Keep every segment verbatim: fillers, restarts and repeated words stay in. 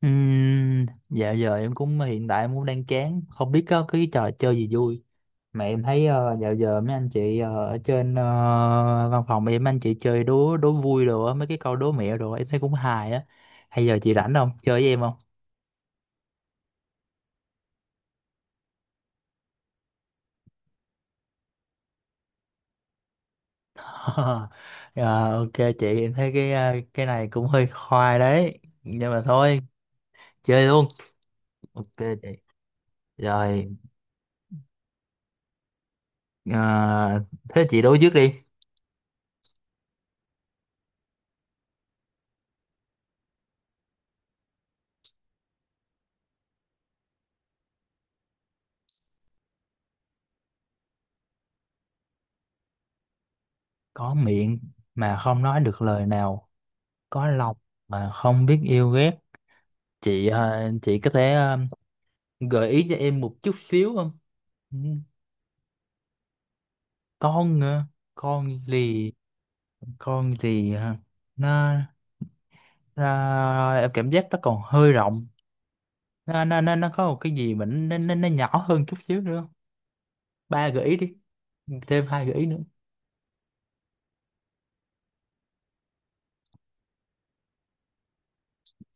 Ừm, dạo giờ em cũng hiện tại em cũng đang chán, không biết có cái trò chơi gì vui mà em thấy, ờ, dạo giờ mấy anh chị, ờ, ở trên, ờ, văn phòng em, anh chị chơi đố đố vui đồ á, mấy cái câu đố mẹo đồ em thấy cũng hài á. Hay giờ chị rảnh không, chơi với em không? Ờ, ok. Chị, em thấy cái, ờ, cái này cũng hơi khoai đấy nhưng mà thôi, chơi luôn. Ok chị. Rồi. ờ, Thế chị đố trước đi. Có miệng mà không nói được lời nào, có lòng mà không biết yêu ghét. Chị ờ, chị có thể, ờ, gợi ý cho em một chút xíu không? Ừ. con ờ, con gì? Con gì hả? nó, nó em cảm giác nó còn hơi rộng. nó nó nó, nó có một cái gì mà nó, nó nó nhỏ hơn chút xíu nữa không? Ba gợi ý đi, thêm hai gợi ý nữa.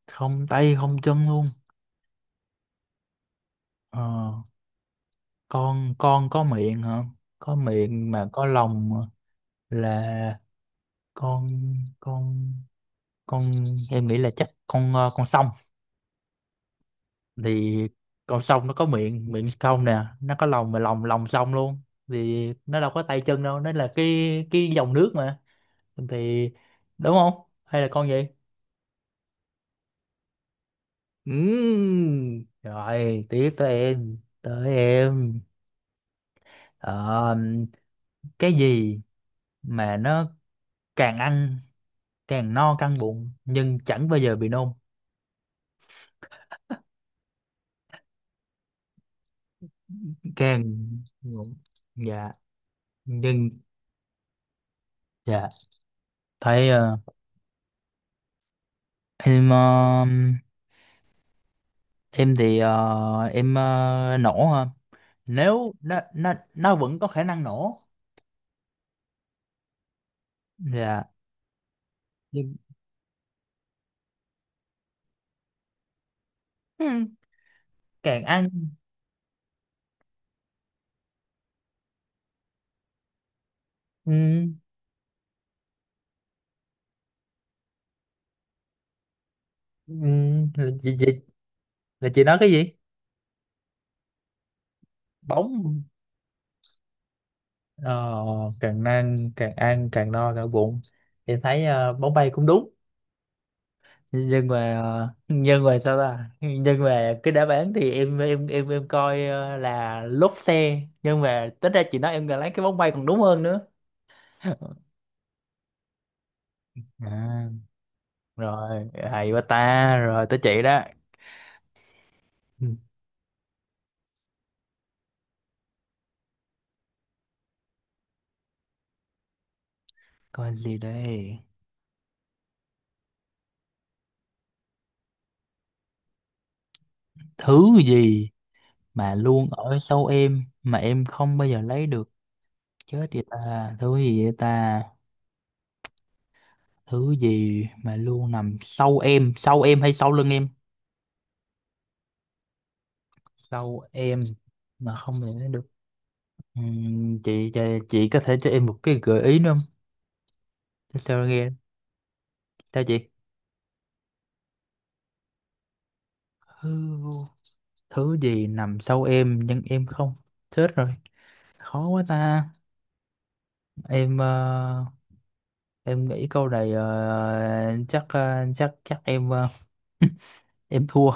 Không tay không chân luôn. ờ, con, con có miệng hả? Có miệng mà có lòng là con, con con em nghĩ là chắc con, ờ, con sông. Thì con sông nó có miệng, miệng sông nè, nó có lòng mà lòng lòng sông luôn. Thì nó đâu có tay chân đâu, nó là cái cái dòng nước mà. Thì, đúng không? Hay là con gì? Ừm, rồi tiếp tới em, tới em. Ờ, cái gì mà nó càng ăn càng no căng bụng nhưng chẳng bao giờ bị nôn? Càng. Dạ. Nhưng. Dạ. Thấy, ờ, em, ờ, em thì, ờ, em, ờ, nổ ha. Nếu nó nó nó vẫn có khả năng nổ. Dạ. Nhưng. ừ, càng ăn. ừ, ừ, là chị, chị là chị nói cái gì? Bóng. ờ, càng ăn càng ăn càng no cả bụng. Em thấy, ờ, bóng bay cũng đúng, nhưng mà, ờ, nhưng mà sao ta, nhưng mà cái đáp án thì em em em em coi, ờ, là lốp xe, nhưng mà tính ra chị nói em là lấy cái bóng bay còn đúng hơn nữa. À, rồi, hay quá ta. Rồi tới chị đó. Ừ. Coi gì đây? Thứ gì mà luôn ở sau em mà em không bao giờ lấy được? Chết vậy ta. Thứ gì vậy ta? Thứ gì mà luôn nằm sau em, sau em hay sau lưng em? Sau em mà không bao giờ lấy được? Ừm, chị, chị chị có thể cho em một cái gợi ý nữa không? Để sao nghe. Sao chị? thứ, thứ gì nằm sau em nhưng em không. Chết rồi, khó quá ta. Em, ờ, em nghĩ câu này, ờ, chắc, ờ, chắc chắc em, ờ, em thua.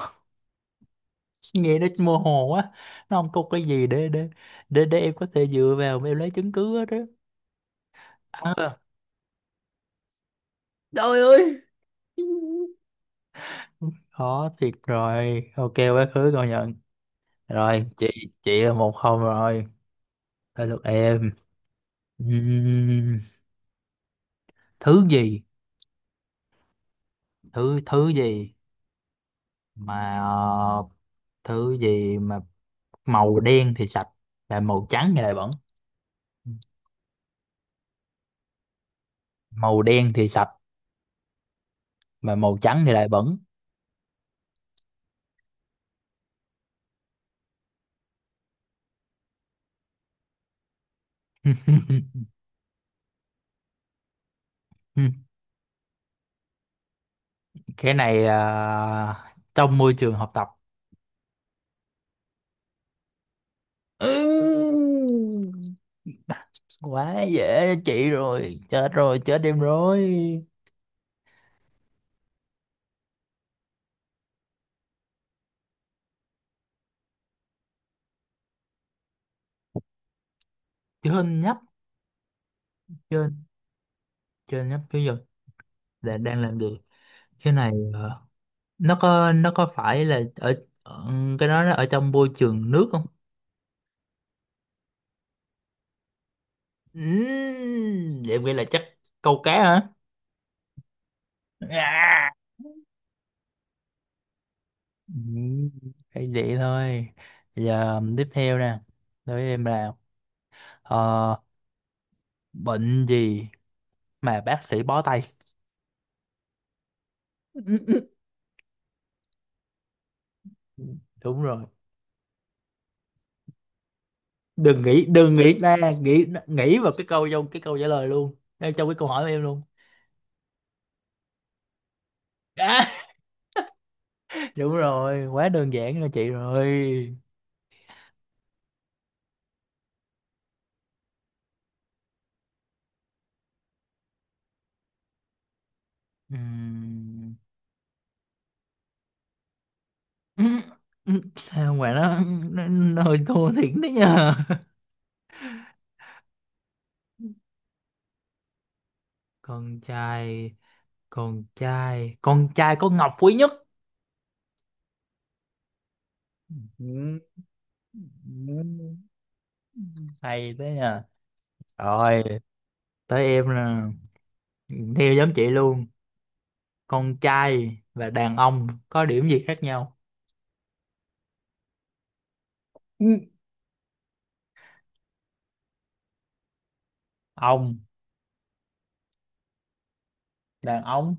Nghe nó mơ hồ quá, nó không có cái gì để để để để em có thể dựa vào mà em lấy chứng cứ hết đó. À, khó thiệt rồi, ok, quá khứ, công nhận. Rồi chị chị là một không rồi. Tới lượt em. Ừm, thứ gì, thứ thứ gì mà ờ, thứ gì mà màu đen thì sạch và màu trắng thì lại bẩn? Màu đen thì sạch mà màu trắng thì lại bẩn. Cái này à, trong môi trường học tập. Ừ. Quá dễ cho chị rồi, chết rồi, chết em rồi. Trên nhấp, trên trên nhấp chứ giờ là đang làm gì? Cái này, ờ, nó có, nó có phải là ở, ở- cái đó nó ở trong môi trường nước không? Ừm, vậy vậy là chắc câu cá hả? À. Ừm, phải vậy thôi. Giờ tiếp theo nè, đối với em là, Ờ, bệnh gì mà bác sĩ bó tay? Ừ. Đúng rồi. Đừng nghĩ, đừng nghĩ ra, nghĩ nghĩ vào cái câu, trong cái câu trả lời luôn. Ngay trong cái câu hỏi của em luôn. À, đúng rồi, quá đơn giản cho chị rồi. Ừm. Sao mà nó, nó, nó hơi thua thiệt đấy nha. Con trai, con trai, con trai có ngọc quý nhất. Ừm. Hay thế nha. Rồi, tới em nè. Theo giống chị luôn. Con trai và đàn ông có điểm gì khác nhau? Ừ. Ông, đàn ông.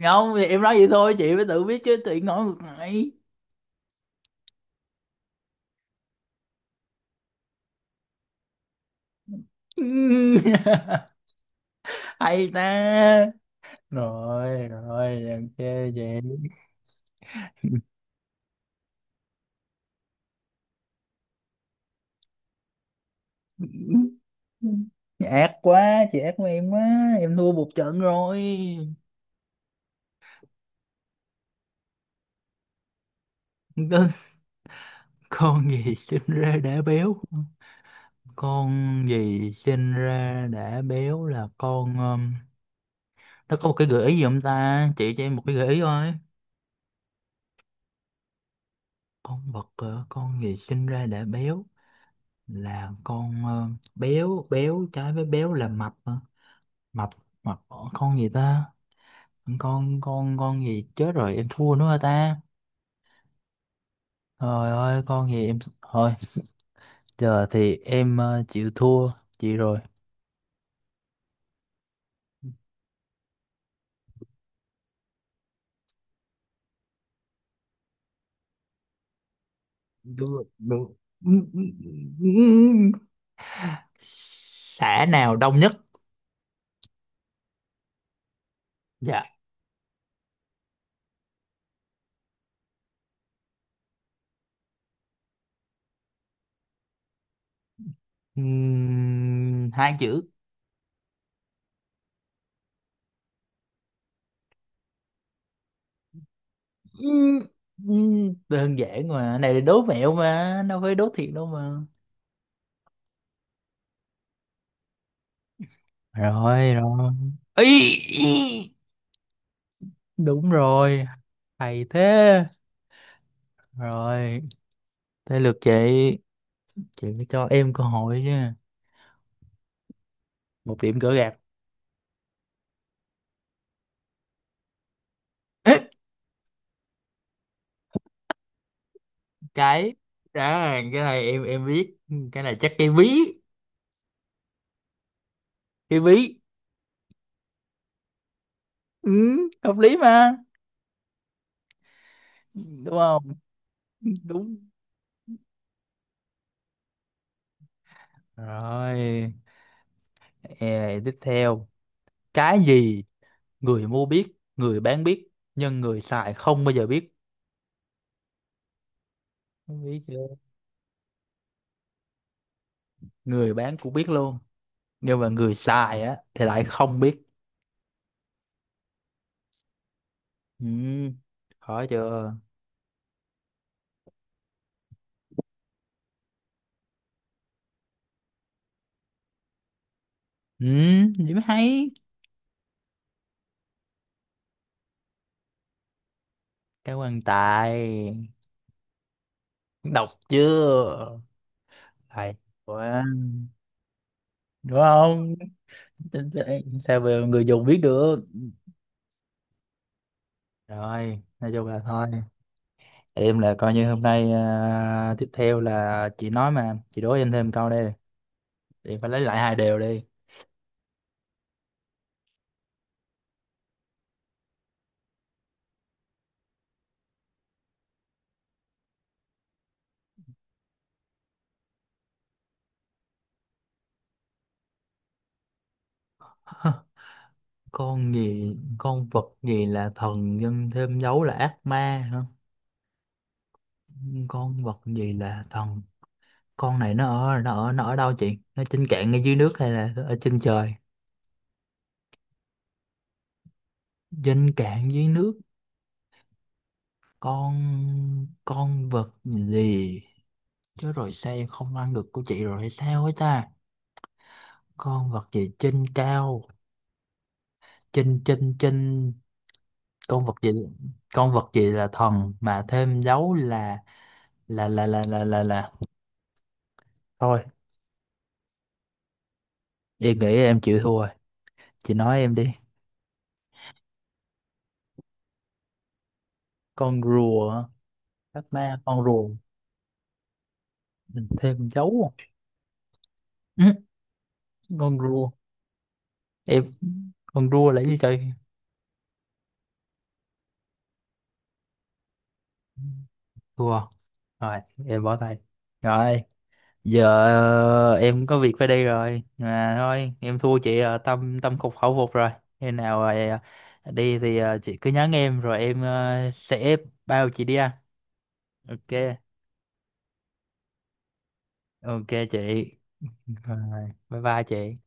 Không, thì em nói vậy thôi chị mới tự biết chứ, tự ngồi ngược lại. Ừ. Hay ta. Rồi rồi làm chê chị. Ừ. Ác quá chị, ác của em quá. Em thua một trận rồi. con con gì sinh ra đã béo? Con gì sinh ra đã béo là con, um, nó có một cái gợi ý gì không ta, chị cho em một cái gợi ý thôi. Con vật, ờ, con gì sinh ra đã béo là con, ờ, béo béo trái với béo là mập hả? Mập, mập, ờ, con gì ta? Con con con gì, chết rồi, em thua nữa hả ta? Trời ơi, con gì em thôi, giờ thì em, ờ, chịu thua chị rồi. Được, được. Xã nào đông nhất? Dạ. Ừm, hai chữ. Ừ, ừ. Đơn giản mà, này là đố mẹo mà đâu phải đố thiệt đâu mà. Rồi, rồi. Ý, ý. Đúng rồi. Hay thế. Rồi tới lượt chị chị phải cho em cơ hội chứ. Một điểm gỡ gạc. Cái đó, cái này em em biết. Cái này chắc cái ví. Cái ví. Ừ. Hợp lý mà. Đúng không? Đúng rồi. Ê, tiếp theo. Cái gì người mua biết, người bán biết nhưng người xài không bao giờ biết? Biết chưa? Người bán cũng biết luôn, nhưng mà người xài á thì lại không biết. Ừ. Khó chưa? Ừ. Điểm hay. Cảm ơn Tài. Đọc chưa? Hay quá. Đúng không? Chính xác. Sao mà người dùng biết được? Rồi nói chung là thôi. Em là coi như hôm nay, à, tiếp theo là chị nói mà chị đố em thêm câu đây, em phải lấy lại hai đều đi. con gì con vật gì là thần nhân thêm dấu là ác ma. Hả? Con vật gì là thần? Con này nó ở nó ở nó ở đâu chị? Nó trên cạn ngay dưới nước hay là ở trên trời? Trên cạn dưới nước. con con vật gì, chứ rồi sao em không ăn được của chị rồi hay sao ấy ta? Con vật gì trên cao, trên trên trên. Con vật gì? Con vật gì là thần mà thêm dấu là là là là là là, là. Thôi em nghĩ em chịu thua, chị nói em đi. Con rùa hả? Các ma con rùa? Mình thêm dấu à? Ừ. Con rùa. Em, con rùa là gì trời? Rùa. Rồi em bỏ tay. Rồi giờ, ờ, em có việc phải đi rồi mà thôi, em thua chị, ờ, tâm tâm phục khẩu phục rồi. Khi nào, ờ, đi thì, ờ, chị cứ nhắn em rồi em, ờ, sẽ bao chị đi ăn. Ok. Ok chị. Rồi bye bye chị.